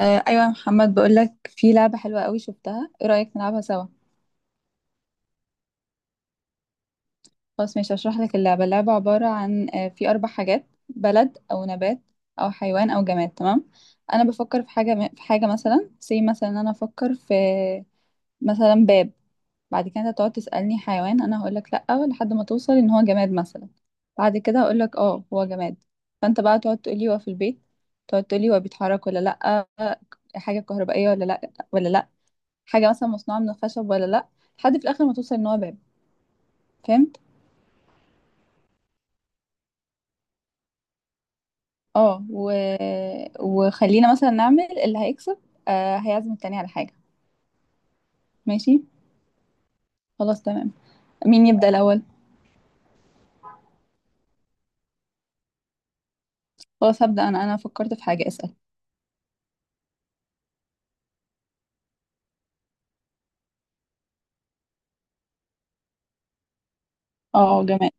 ايوه يا محمد، بقولك في لعبه حلوه قوي شفتها. ايه رايك نلعبها سوا؟ خلاص ماشي، هشرح لك اللعبه عباره عن في 4 حاجات: بلد او نبات او حيوان او جماد، تمام. انا بفكر في حاجه، مثلا، زي مثلا انا افكر في مثلا باب. بعد كده انت تقعد تسالني حيوان، انا هقول لك لا لحد ما توصل ان هو جماد مثلا. بعد كده هقول لك اه، هو جماد. فانت بقى تقعد تقولي هو في البيت، تقعد تقولي هو بيتحرك ولا لا، حاجه كهربائيه ولا لا ولا لا، حاجة مثلا مصنوعة من الخشب ولا لأ، لحد في الآخر ما توصل إن هو باب. فهمت؟ اه و... وخلينا مثلا نعمل اللي هيكسب هيعزم التاني على حاجة، ماشي؟ خلاص تمام. مين يبدأ الأول؟ خلاص هبدأ أنا، فكرت في حاجة، اسأل. اه، جماد.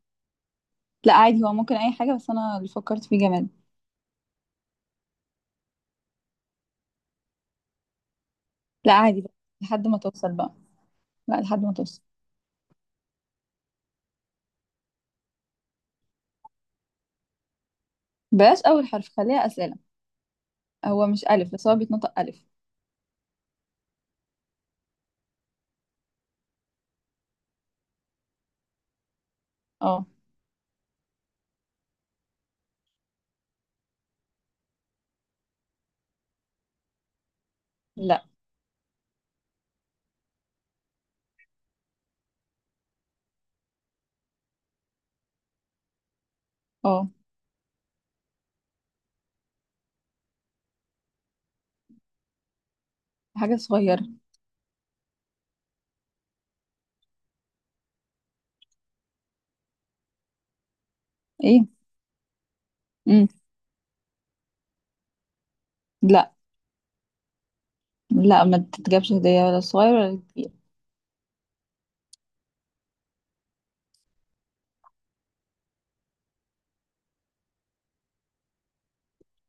لا، عادي هو ممكن أي حاجة، بس أنا اللي فكرت فيه جماد. لا، عادي بقى. لحد ما توصل بقى. لا، لحد ما توصل. بلاش أول حرف، خليها أسئلة. هو مش ألف بس هو بيتنطق ألف. اه. لا. اه. حاجة صغيرة. ايه؟ مم. لا. لا، ما تتجابش هدية ولا صغير ولا كبير.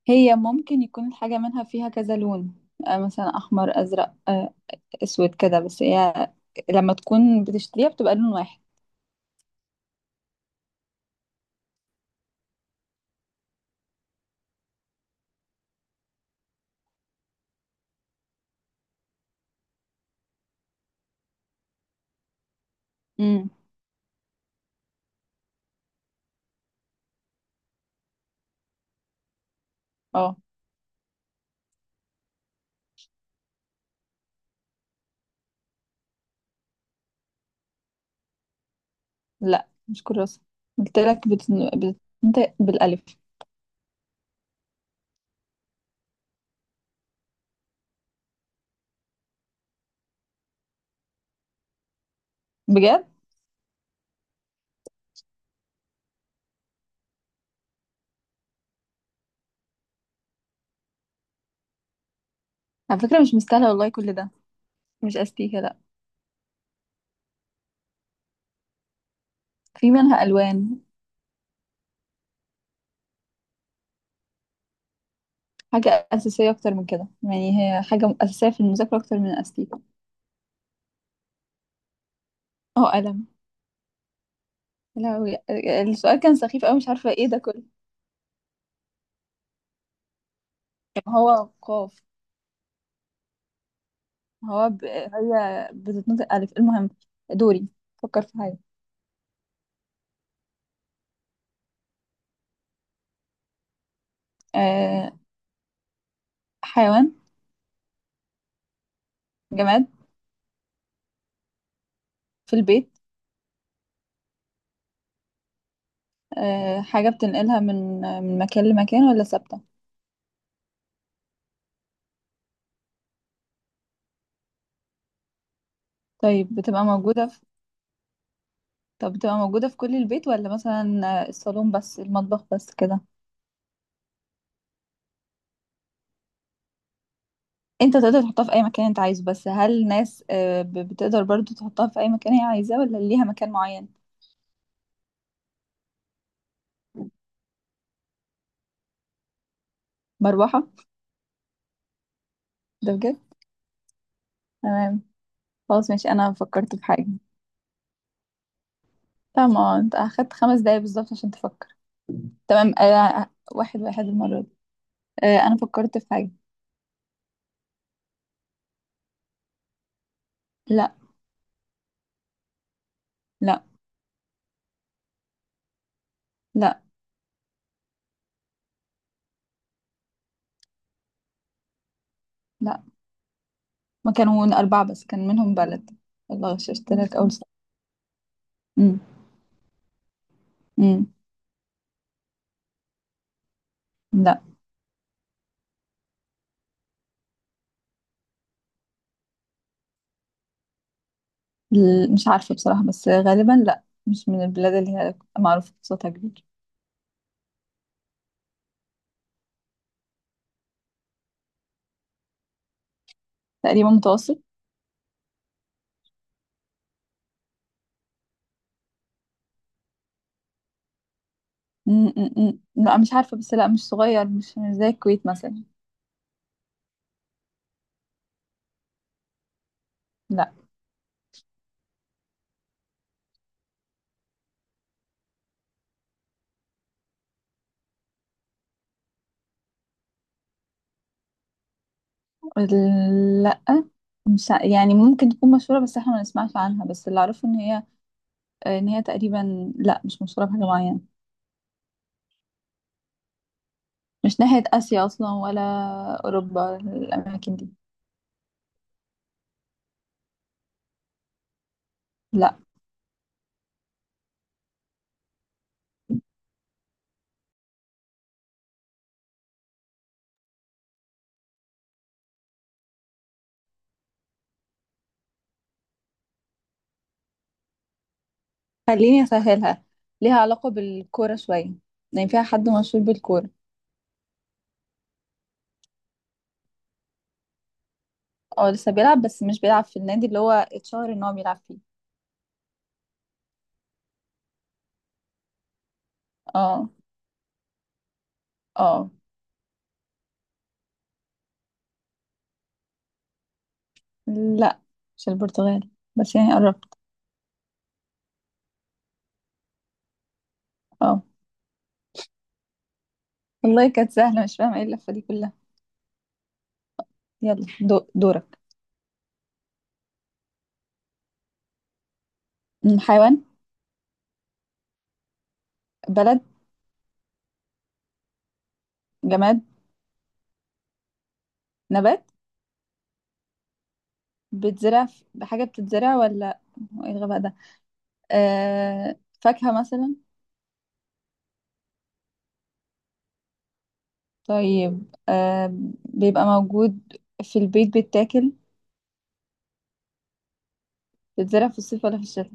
هي ممكن يكون الحاجة منها فيها كذا لون، مثلا أحمر، أزرق، أسود كده، بس هي لما تكون بتشتريها بتبقى لون واحد. امم اه. لا، مش كراسة. قلت لك بتنطق بالألف. بجد، على فكرة مش مستاهلة والله كل ده. مش أستيكة، لا. في منها ألوان. حاجة أساسية أكتر من كده، يعني هي حاجة أساسية في المذاكرة أكتر من أستيكة. اه، قلم. لا. السؤال كان سخيف أوي، مش عارفة ايه ده كله. طب هو قاف. هي بتتنطق ألف. المهم، دوري. فكر في حاجة. أه... حيوان. جماد. في البيت. حاجة بتنقلها من مكان لمكان ولا ثابتة؟ طيب بتبقى موجودة في... طب بتبقى موجودة في كل البيت ولا مثلا الصالون بس، المطبخ بس كده؟ انت تقدر تحطها في اي مكان انت عايزه، بس هل الناس بتقدر برضو تحطها في اي مكان هي عايزاه ولا ليها مكان معين؟ مروحة. ده بجد. تمام. خلاص ماشي، انا فكرت في حاجة. تمام، انت اخدت 5 دقايق بالظبط عشان تفكر. تمام. واحد واحد المرة دي. آه، أنا فكرت في حاجة. لا. لا. لا. لا، ما كانوا 4 بس كان منهم بلد. الله، غششت لك أول سؤال. أمم، أمم، لا. مش عارفة بصراحة، بس غالبا لا، مش من البلاد اللي هي معروفة بصوتها كبير. تقريبا متوسط. أمم، أمم، أمم. لا مش عارفة، بس لا مش صغير، مش زي الكويت مثلا. لا. لا، مش ع- يعني ممكن تكون مشهورة بس احنا ما نسمعش عنها، بس اللي أعرفه إن هي إن هي تقريبا لا، مش مشهورة بحاجة معينة. مش ناحية آسيا أصلا ولا أوروبا الأماكن دي. لا. خليني أسهلها، ليها علاقة بالكورة شوية، يعني فيها حد مشهور بالكورة. اه لسه بيلعب، بس مش بيلعب في النادي اللي هو اتشهر ان هو بيلعب فيه. اه. اه. لا مش البرتغال، بس يعني قربت. اه، والله كانت سهلة، مش فاهمة ايه اللفة دي كلها. يلا دورك. حيوان. بلد. جماد. نبات. بحاجة بتتزرع ولا... هو ايه الغباء ده؟ آه، فاكهة مثلا. طيب آه بيبقى موجود في البيت بيتاكل. بيتزرع في الصيف ولا في الشتاء؟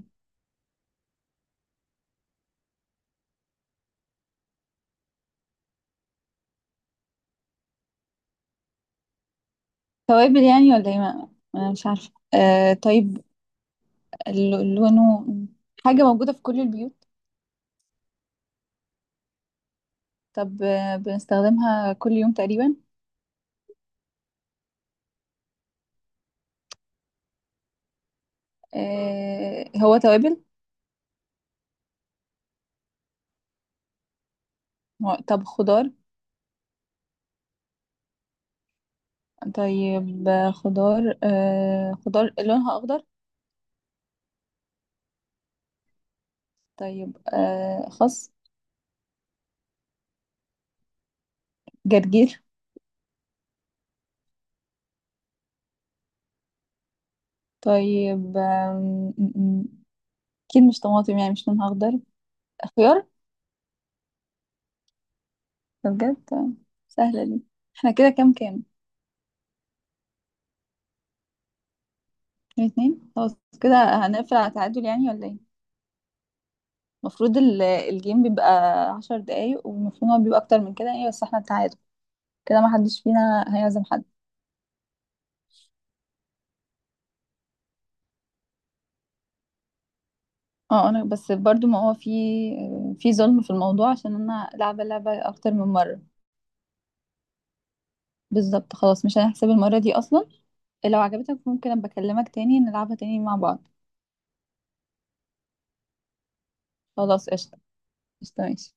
توابل يعني ولا ايه؟ انا مش عارفة. آه طيب. لونه. حاجة موجودة في كل البيوت. طب آه بنستخدمها كل يوم تقريبا. آه هو توابل. طب خضار. طيب خضار. آه خضار لونها أخضر. طيب آه خس. جرجير. طيب م- م- أكيد مش طماطم، يعني مش لونها أخضر. خيار. ده بجد. سهلة دي. احنا كده كام كام؟ 2-2، خلاص كده. هنقفل على تعادل يعني ولا ايه؟ المفروض الجيم بيبقى 10 دقايق، والمفروض هو بيبقى اكتر من كده يعني، بس احنا تعادل كده، ما حدش فينا هيعزم حد. اه، انا بس برضو ما هو في ظلم في الموضوع، عشان انا لعبة لعبة اكتر من مرة. بالظبط، خلاص مش هنحسب المرة دي اصلا. لو عجبتك ممكن ابقى اكلمك تاني نلعبها تاني مع بعض. خلاص قشطة. قشطة ماشي.